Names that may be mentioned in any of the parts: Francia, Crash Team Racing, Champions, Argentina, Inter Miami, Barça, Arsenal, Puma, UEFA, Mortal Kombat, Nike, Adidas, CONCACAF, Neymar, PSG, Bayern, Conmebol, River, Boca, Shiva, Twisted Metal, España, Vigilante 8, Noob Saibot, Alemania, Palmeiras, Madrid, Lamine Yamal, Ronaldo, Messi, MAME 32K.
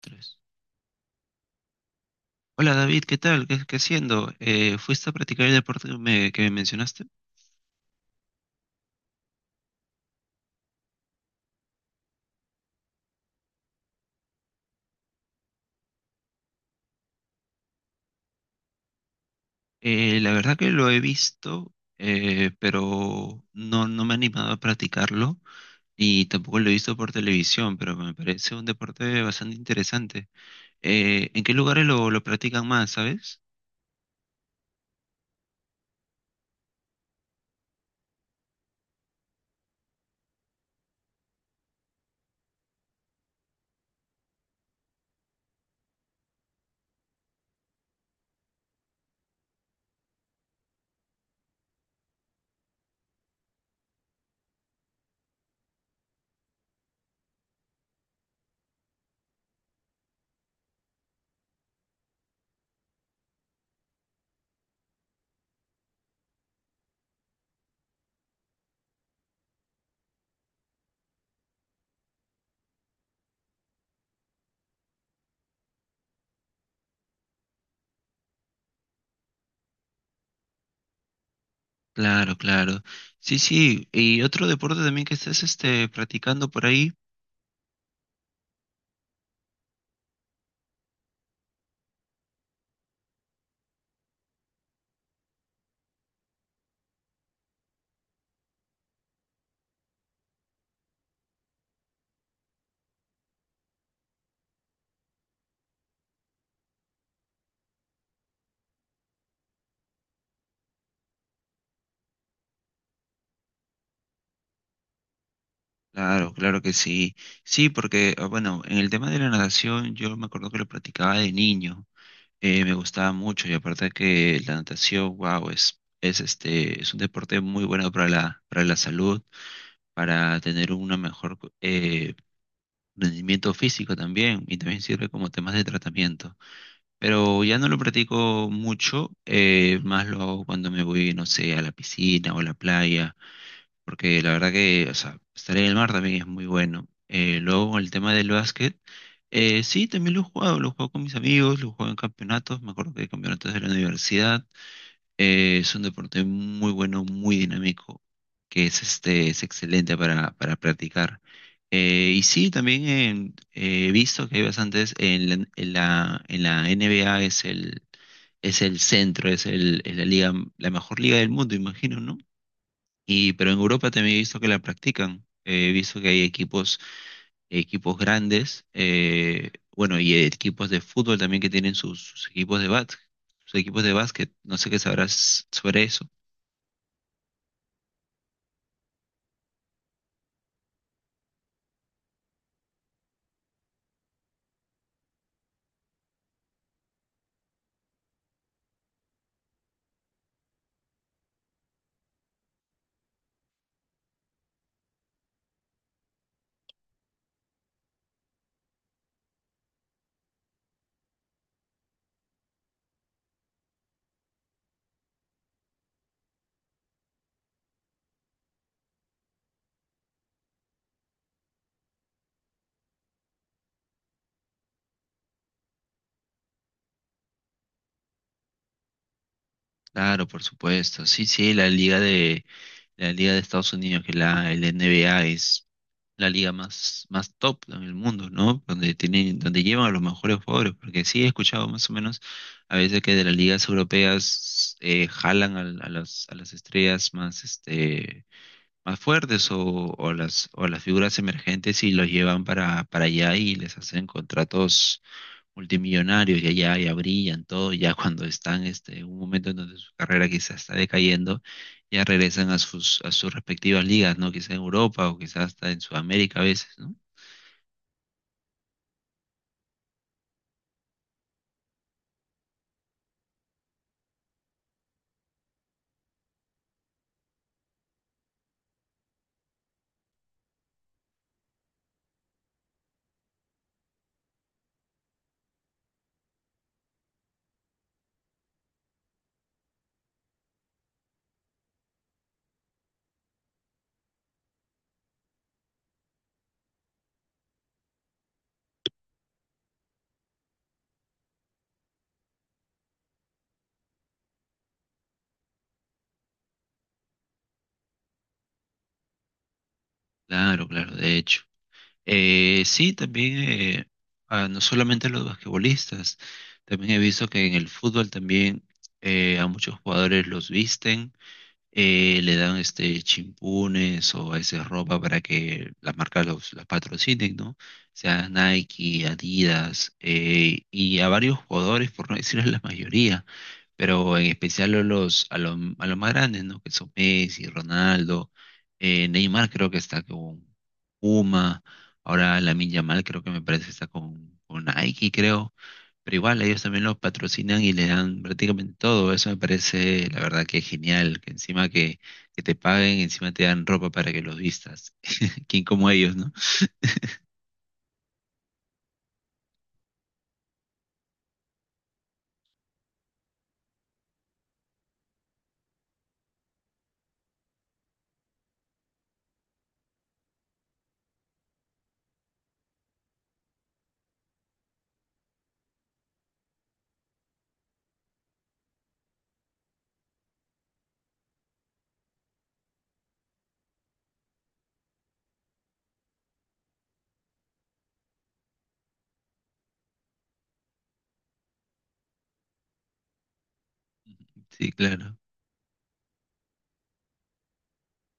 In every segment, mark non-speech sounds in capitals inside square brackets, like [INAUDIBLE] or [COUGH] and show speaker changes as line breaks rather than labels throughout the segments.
Tres. Hola David, ¿qué tal? ¿Qué haciendo? ¿Fuiste a practicar el deporte que me mencionaste? La verdad que lo he visto, pero no me he animado a practicarlo y tampoco lo he visto por televisión, pero me parece un deporte bastante interesante. ¿En qué lugares lo practican más, sabes? Claro, claro. Sí, sí. ¿Y otro deporte también que estés este, practicando por ahí? Claro, claro que sí. Sí, porque, ah, bueno, en el tema de la natación yo me acuerdo que lo practicaba de niño. Me gustaba mucho y aparte que la natación, wow, es un deporte muy bueno para para la salud, para tener una mejor rendimiento físico también y también sirve como temas de tratamiento. Pero ya no lo practico mucho, más lo hago cuando me voy, no sé, a la piscina o a la playa porque la verdad que, o sea, estar en el mar también es muy bueno. Luego, con el tema del básquet, sí, también lo he jugado con mis amigos, lo he jugado en campeonatos, me acuerdo que hay campeonatos de la universidad. Es un deporte muy bueno, muy dinámico, que es excelente para practicar. Y sí, también he visto que hay bastantes, en la NBA es es el centro, es la liga, la mejor liga del mundo, imagino, ¿no? Y, pero en Europa también he visto que la practican. He visto que hay equipos, equipos grandes, bueno, y equipos de fútbol también que tienen sus, sus equipos de básquet, sus equipos de básquet. No sé qué sabrás sobre eso. Claro, por supuesto. Sí, sí, la liga de Estados Unidos, que la, el N B NBA la liga más, más top en el mundo, ¿no? Donde tienen, donde llevan a los mejores jugadores, porque sí he escuchado más o menos a veces que de las ligas europeas jalan a las estrellas más, este, más fuertes o, o las figuras emergentes y los llevan para allá y les hacen contratos multimillonarios y allá ya brillan todo, ya cuando están este, en un momento en donde su carrera quizás está decayendo, ya regresan a sus respectivas ligas, ¿no? Quizás en Europa o quizás hasta en Sudamérica a veces, ¿no? Claro, claro, de hecho. Eh, sí, también, eh, no solamente los basquetbolistas, también he visto que en el fútbol también a muchos jugadores los visten le dan este chimpunes o a veces ropa para que las marcas los, las patrocinen, ¿no? O sea Nike, Adidas, y a varios jugadores, por no [LAUGHS] decirles la mayoría pero en especial a a los más grandes, ¿no? Que son Messi, Ronaldo, Neymar creo que está con Puma, ahora Lamine Yamal creo que me parece que está con Nike, creo, pero igual ellos también los patrocinan y le dan prácticamente todo, eso me parece la verdad que genial, que encima que te paguen, encima te dan ropa para que los vistas, [LAUGHS] quien como ellos, ¿no? Sí, claro.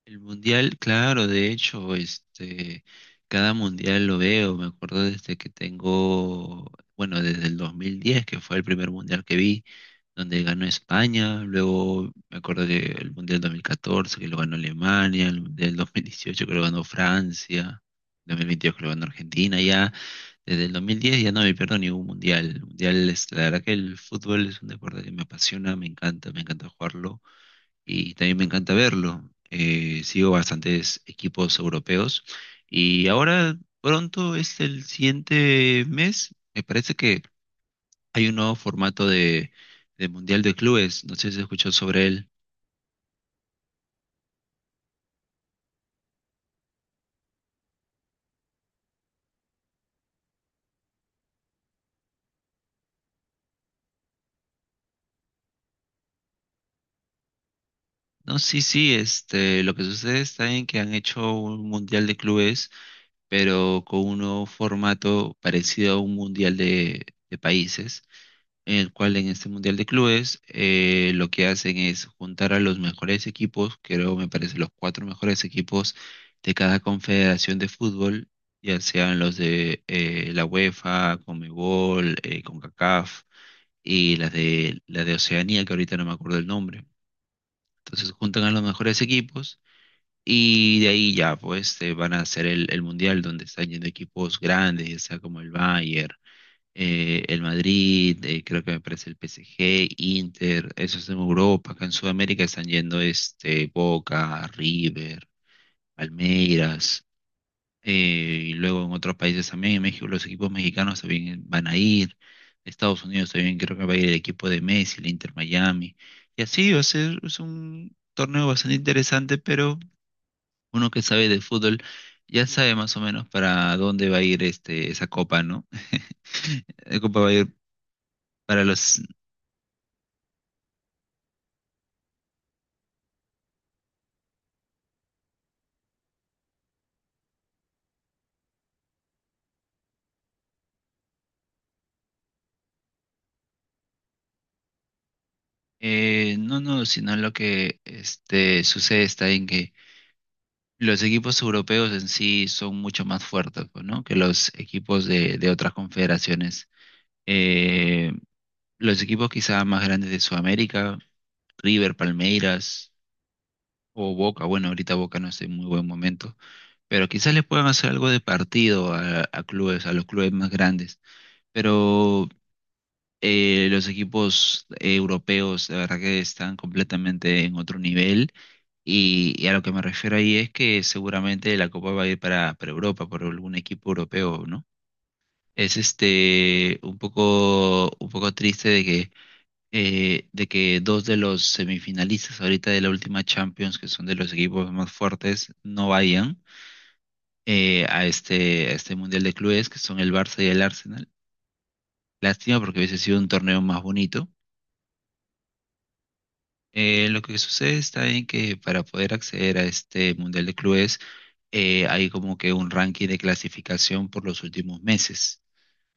El mundial, claro, de hecho, este, cada mundial lo veo, me acuerdo desde que tengo, bueno, desde el 2010, que fue el primer mundial que vi, donde ganó España, luego me acuerdo que el mundial 2014, que lo ganó Alemania, el mundial 2018 que lo ganó Francia, 2022 que lo ganó Argentina, ya desde el 2010 ya no me pierdo ningún mundial. El mundial es, la verdad que el fútbol es un deporte que me apasiona, me encanta jugarlo y también me encanta verlo. Sigo bastantes equipos europeos y ahora pronto es el siguiente mes. Me parece que hay un nuevo formato de Mundial de Clubes. No sé si escuchó sobre él. No, sí, sí, este, lo que sucede está en que han hecho un Mundial de Clubes, pero con un nuevo formato parecido a un Mundial de Países. En el cual en este Mundial de Clubes lo que hacen es juntar a los mejores equipos, creo me parece los cuatro mejores equipos de cada confederación de fútbol, ya sean los de la UEFA, Conmebol, CONCACAF y las de, la de Oceanía, que ahorita no me acuerdo el nombre. Entonces juntan a los mejores equipos. Y de ahí ya, pues, van a hacer el mundial donde están yendo equipos grandes, ya sea como el Bayern, el Madrid, creo que me parece el PSG, Inter, eso es en Europa, acá en Sudamérica están yendo este Boca, River, Palmeiras, y luego en otros países también, en México los equipos mexicanos también van a ir, Estados Unidos también creo que va a ir el equipo de Messi, el Inter Miami, y así va a ser, es un torneo bastante interesante, pero uno que sabe de fútbol ya sabe más o menos para dónde va a ir este esa copa, ¿no? [LAUGHS] La copa va a ir para los no, no, sino lo que este, sucede está en que los equipos europeos en sí son mucho más fuertes, pues, ¿no? Que los equipos de otras confederaciones. Eh, los equipos quizá más grandes de Sudamérica, River, Palmeiras o Boca, bueno, ahorita Boca no está en muy buen momento, pero quizás le puedan hacer algo de partido a clubes, a los clubes más grandes. Pero los equipos europeos, la verdad que están completamente en otro nivel. Y a lo que me refiero ahí es que seguramente la Copa va a ir para Europa, por algún equipo europeo, ¿no? Es este un poco triste de que dos de los semifinalistas ahorita de la última Champions, que son de los equipos más fuertes, no vayan a este Mundial de Clubes, que son el Barça y el Arsenal. Lástima porque hubiese sido un torneo más bonito. Lo que sucede está en que para poder acceder a este Mundial de Clubes hay como que un ranking de clasificación por los últimos meses,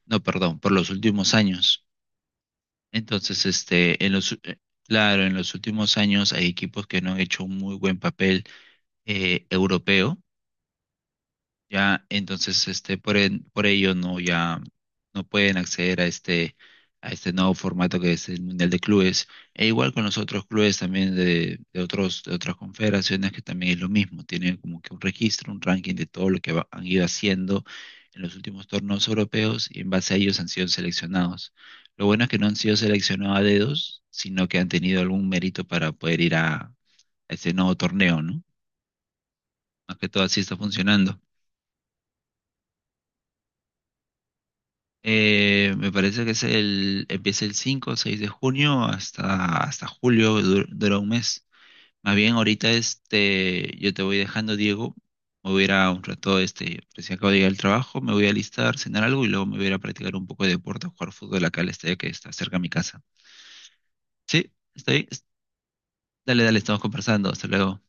no, perdón, por los últimos años. Entonces, este, en los, claro, en los últimos años hay equipos que no han hecho un muy buen papel europeo ya, entonces, este, por ello no, ya no pueden acceder a este nuevo formato que es el Mundial de Clubes. E igual con los otros clubes también de otros, de otras confederaciones que también es lo mismo. Tienen como que un registro, un ranking de todo lo que han ido haciendo en los últimos torneos europeos y en base a ellos han sido seleccionados. Lo bueno es que no han sido seleccionados a dedos, sino que han tenido algún mérito para poder ir a este nuevo torneo, ¿no? Más que todo así está funcionando. Me parece que es el, empieza el 5 o 6 de junio hasta, hasta julio, dura un mes. Más bien, ahorita este, yo te voy dejando, Diego. Me voy a ir a un rato, este, recién acabo de llegar al trabajo, me voy a alistar, cenar algo y luego me voy a ir a practicar un poco de deporte, a jugar fútbol acá al estadio que está cerca de mi casa. Sí, está bien. Dale, dale, estamos conversando. Hasta luego.